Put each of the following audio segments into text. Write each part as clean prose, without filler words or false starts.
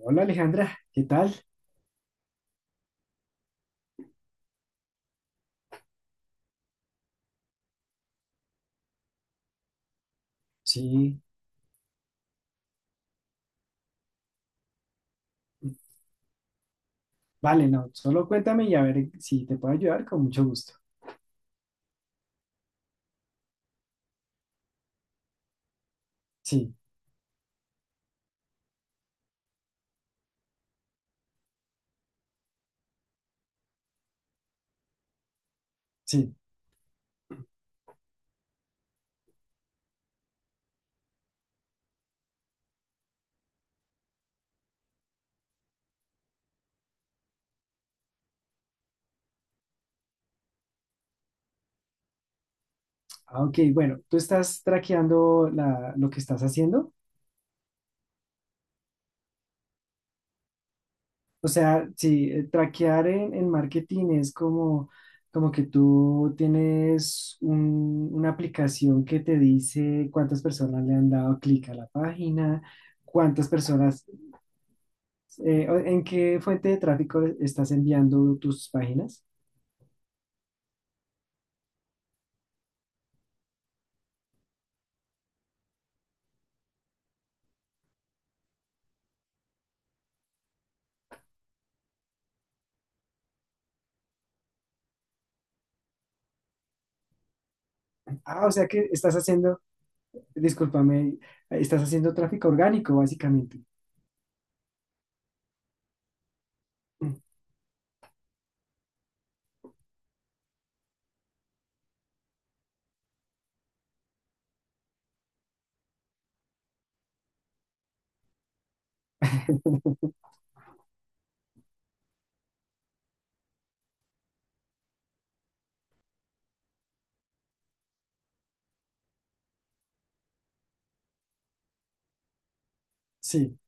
Hola Alejandra, ¿qué tal? Sí, vale, no, solo cuéntame y a ver si te puedo ayudar con mucho gusto. Sí, sí. Ah, ok, bueno, tú estás traqueando la- lo que estás haciendo. O sea, sí, traquear en marketing es como, como que tú tienes un- una aplicación que te dice cuántas personas le han dado clic a la página, cuántas personas, o- ¿en qué fuente de tráfico estás enviando tus páginas? Ah, o sea que estás haciendo... Discúlpame, estás haciendo tráfico orgánico, básicamente. Mm. Sí.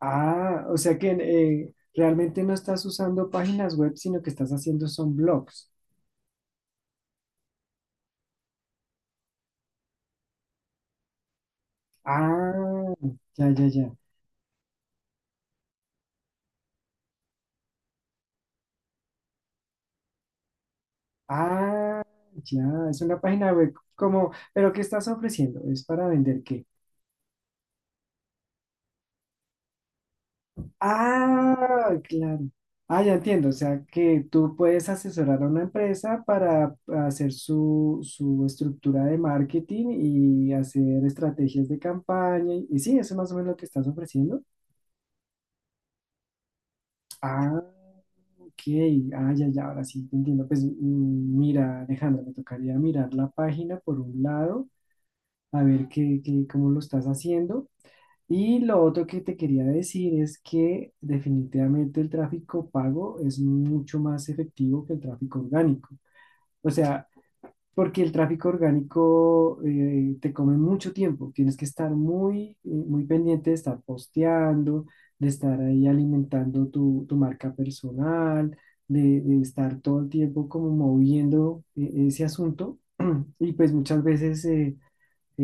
Ah, o sea que realmente no estás usando páginas web, sino que estás haciendo son blogs. Ah, ya, ya, ya. Ah, ya, es una página web como, pero ¿qué estás ofreciendo? ¿Es para vender qué? Ah, claro. Ah, ya entiendo. O sea, que tú puedes asesorar a una empresa para hacer su, su estructura de marketing y hacer estrategias de campaña. Y sí, eso es más o menos lo que estás ofreciendo. Ah, ok. Ah, ya, ya, ahora sí, te entiendo. Pues mm, mira, Alejandra, me tocaría mirar la página por un lado, a ver qué, qué, cómo lo estás haciendo. Y lo otro que te quería decir es que definitivamente el tráfico pago es mucho más efectivo que el tráfico orgánico. O sea, porque el tráfico orgánico te come mucho tiempo. Tienes que estar muy, muy pendiente de estar posteando, de estar ahí alimentando tu, tu marca personal, de estar todo el tiempo como moviendo ese asunto. Y pues muchas veces eh,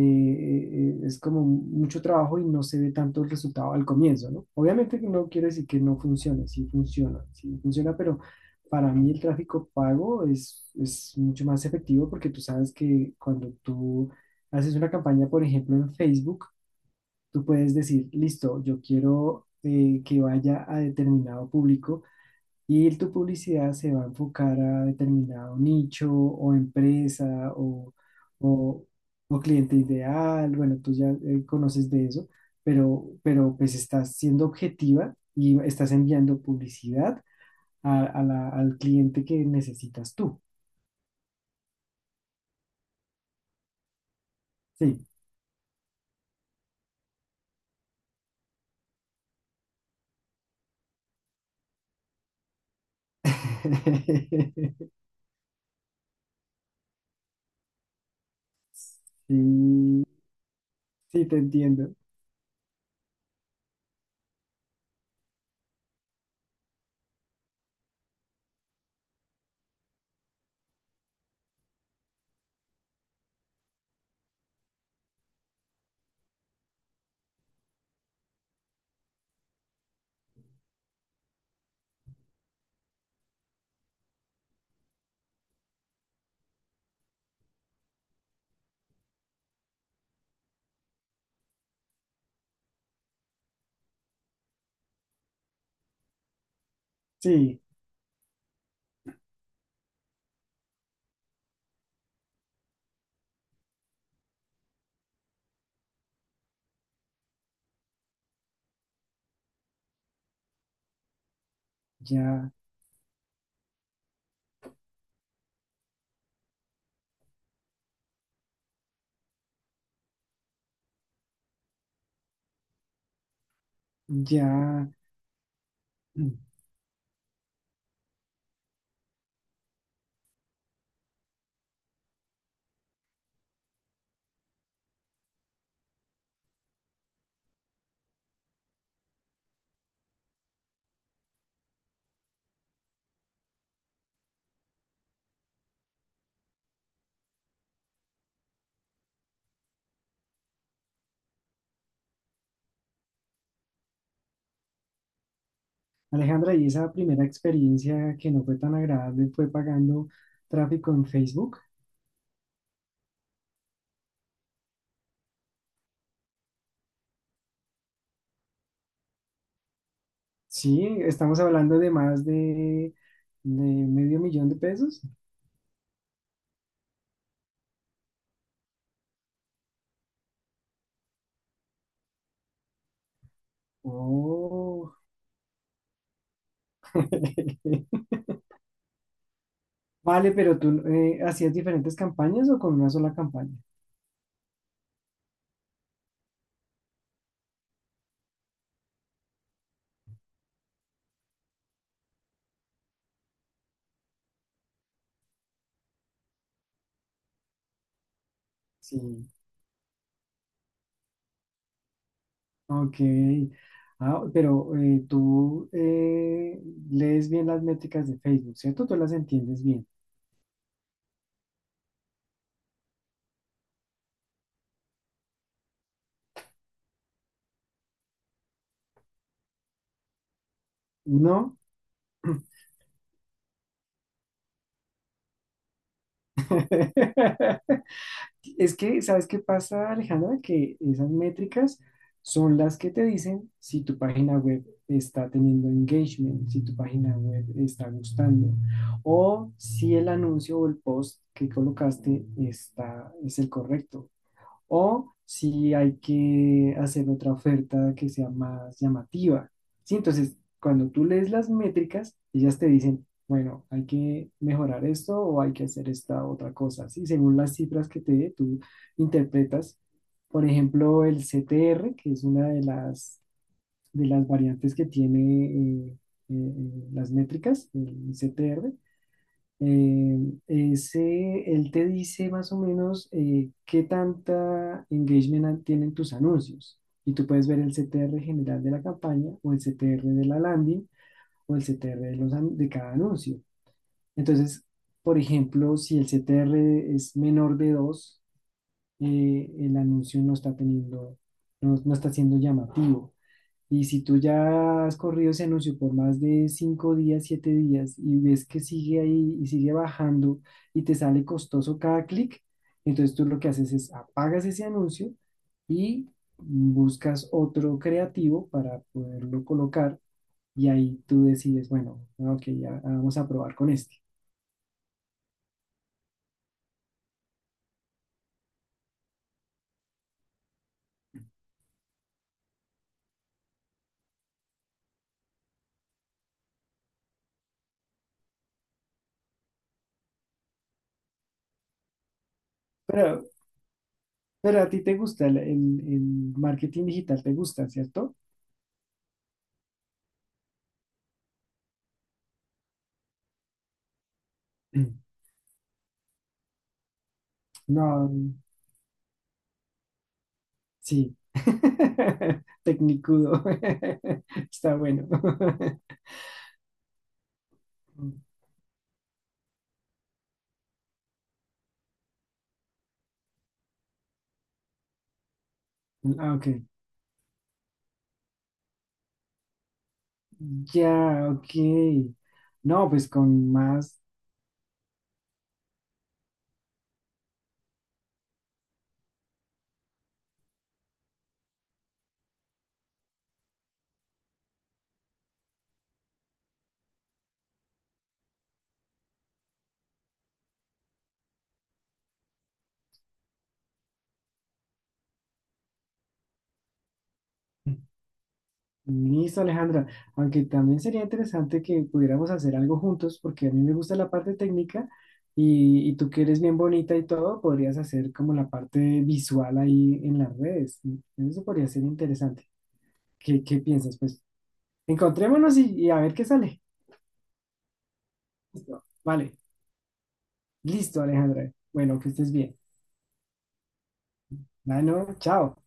es como mucho trabajo y no se ve tanto el resultado al comienzo, ¿no? Obviamente que no quiero decir que no funcione, sí funciona, pero para mí el tráfico pago es mucho más efectivo porque tú sabes que cuando tú haces una campaña, por ejemplo, en Facebook, tú puedes decir, listo, yo quiero que vaya a determinado público y tu publicidad se va a enfocar a determinado nicho o empresa o, o cliente ideal. Bueno, tú ya conoces de eso, pero pues estás siendo objetiva y estás enviando publicidad a, al cliente que necesitas tú. Sí. Sí, sí, te entiendo. Sí, ya, ya. Alejandra, y esa primera experiencia que no fue tan agradable fue pagando tráfico en Facebook. Sí, estamos hablando de más de medio millón de pesos. Oh. Vale, pero tú hacías diferentes campañas o con una sola campaña. Sí, ok. Ah, pero tú lees bien las métricas de Facebook, ¿cierto? Tú las entiendes bien. No. Es que, ¿sabes qué pasa, Alejandra? Que esas métricas son las que te dicen si tu página web está teniendo engagement, si tu página web está gustando, o si el anuncio o el post que colocaste está, es el correcto o si hay que hacer otra oferta que sea más llamativa. Sí, entonces, cuando tú lees las métricas, ellas te dicen, bueno, hay que mejorar esto o hay que hacer esta otra cosa. Sí, según las cifras que te dé, tú interpretas, por ejemplo, el CTR, que es una de las variantes que tiene eh, las métricas, el CTR ese, él te dice más o menos qué tanta engagement an- tienen tus anuncios. Y tú puedes ver el CTR general de la campaña o el CTR de la landing o el CTR de, los, an- de cada anuncio. Entonces, por ejemplo, si el CTR es menor de 2, el anuncio no está teniendo, no, no está siendo llamativo. Y si tú ya has corrido ese anuncio por más de 5 días, 7 días, y ves que sigue ahí y sigue bajando y te sale costoso cada clic, entonces tú lo que haces es apagas ese anuncio y buscas otro creativo para poderlo colocar y ahí tú decides, bueno, ah, ok, ya ah, vamos a probar con este. Pero, pero a ti te gusta el, el marketing digital, te gusta, ¿cierto? No. Sí, tecnicudo. Está bueno. Ah, ok, ya, ok. No, pues con más. Listo, Alejandra. Aunque también sería interesante que pudiéramos hacer algo juntos, porque a mí me gusta la parte técnica y tú que eres bien bonita y todo, podrías hacer como la parte visual ahí en las redes. Eso podría ser interesante. ¿Qué, qué piensas? Pues encontrémonos y a ver qué sale. Listo. Vale. Listo, Alejandra. Bueno, que estés bien. Bueno, chao.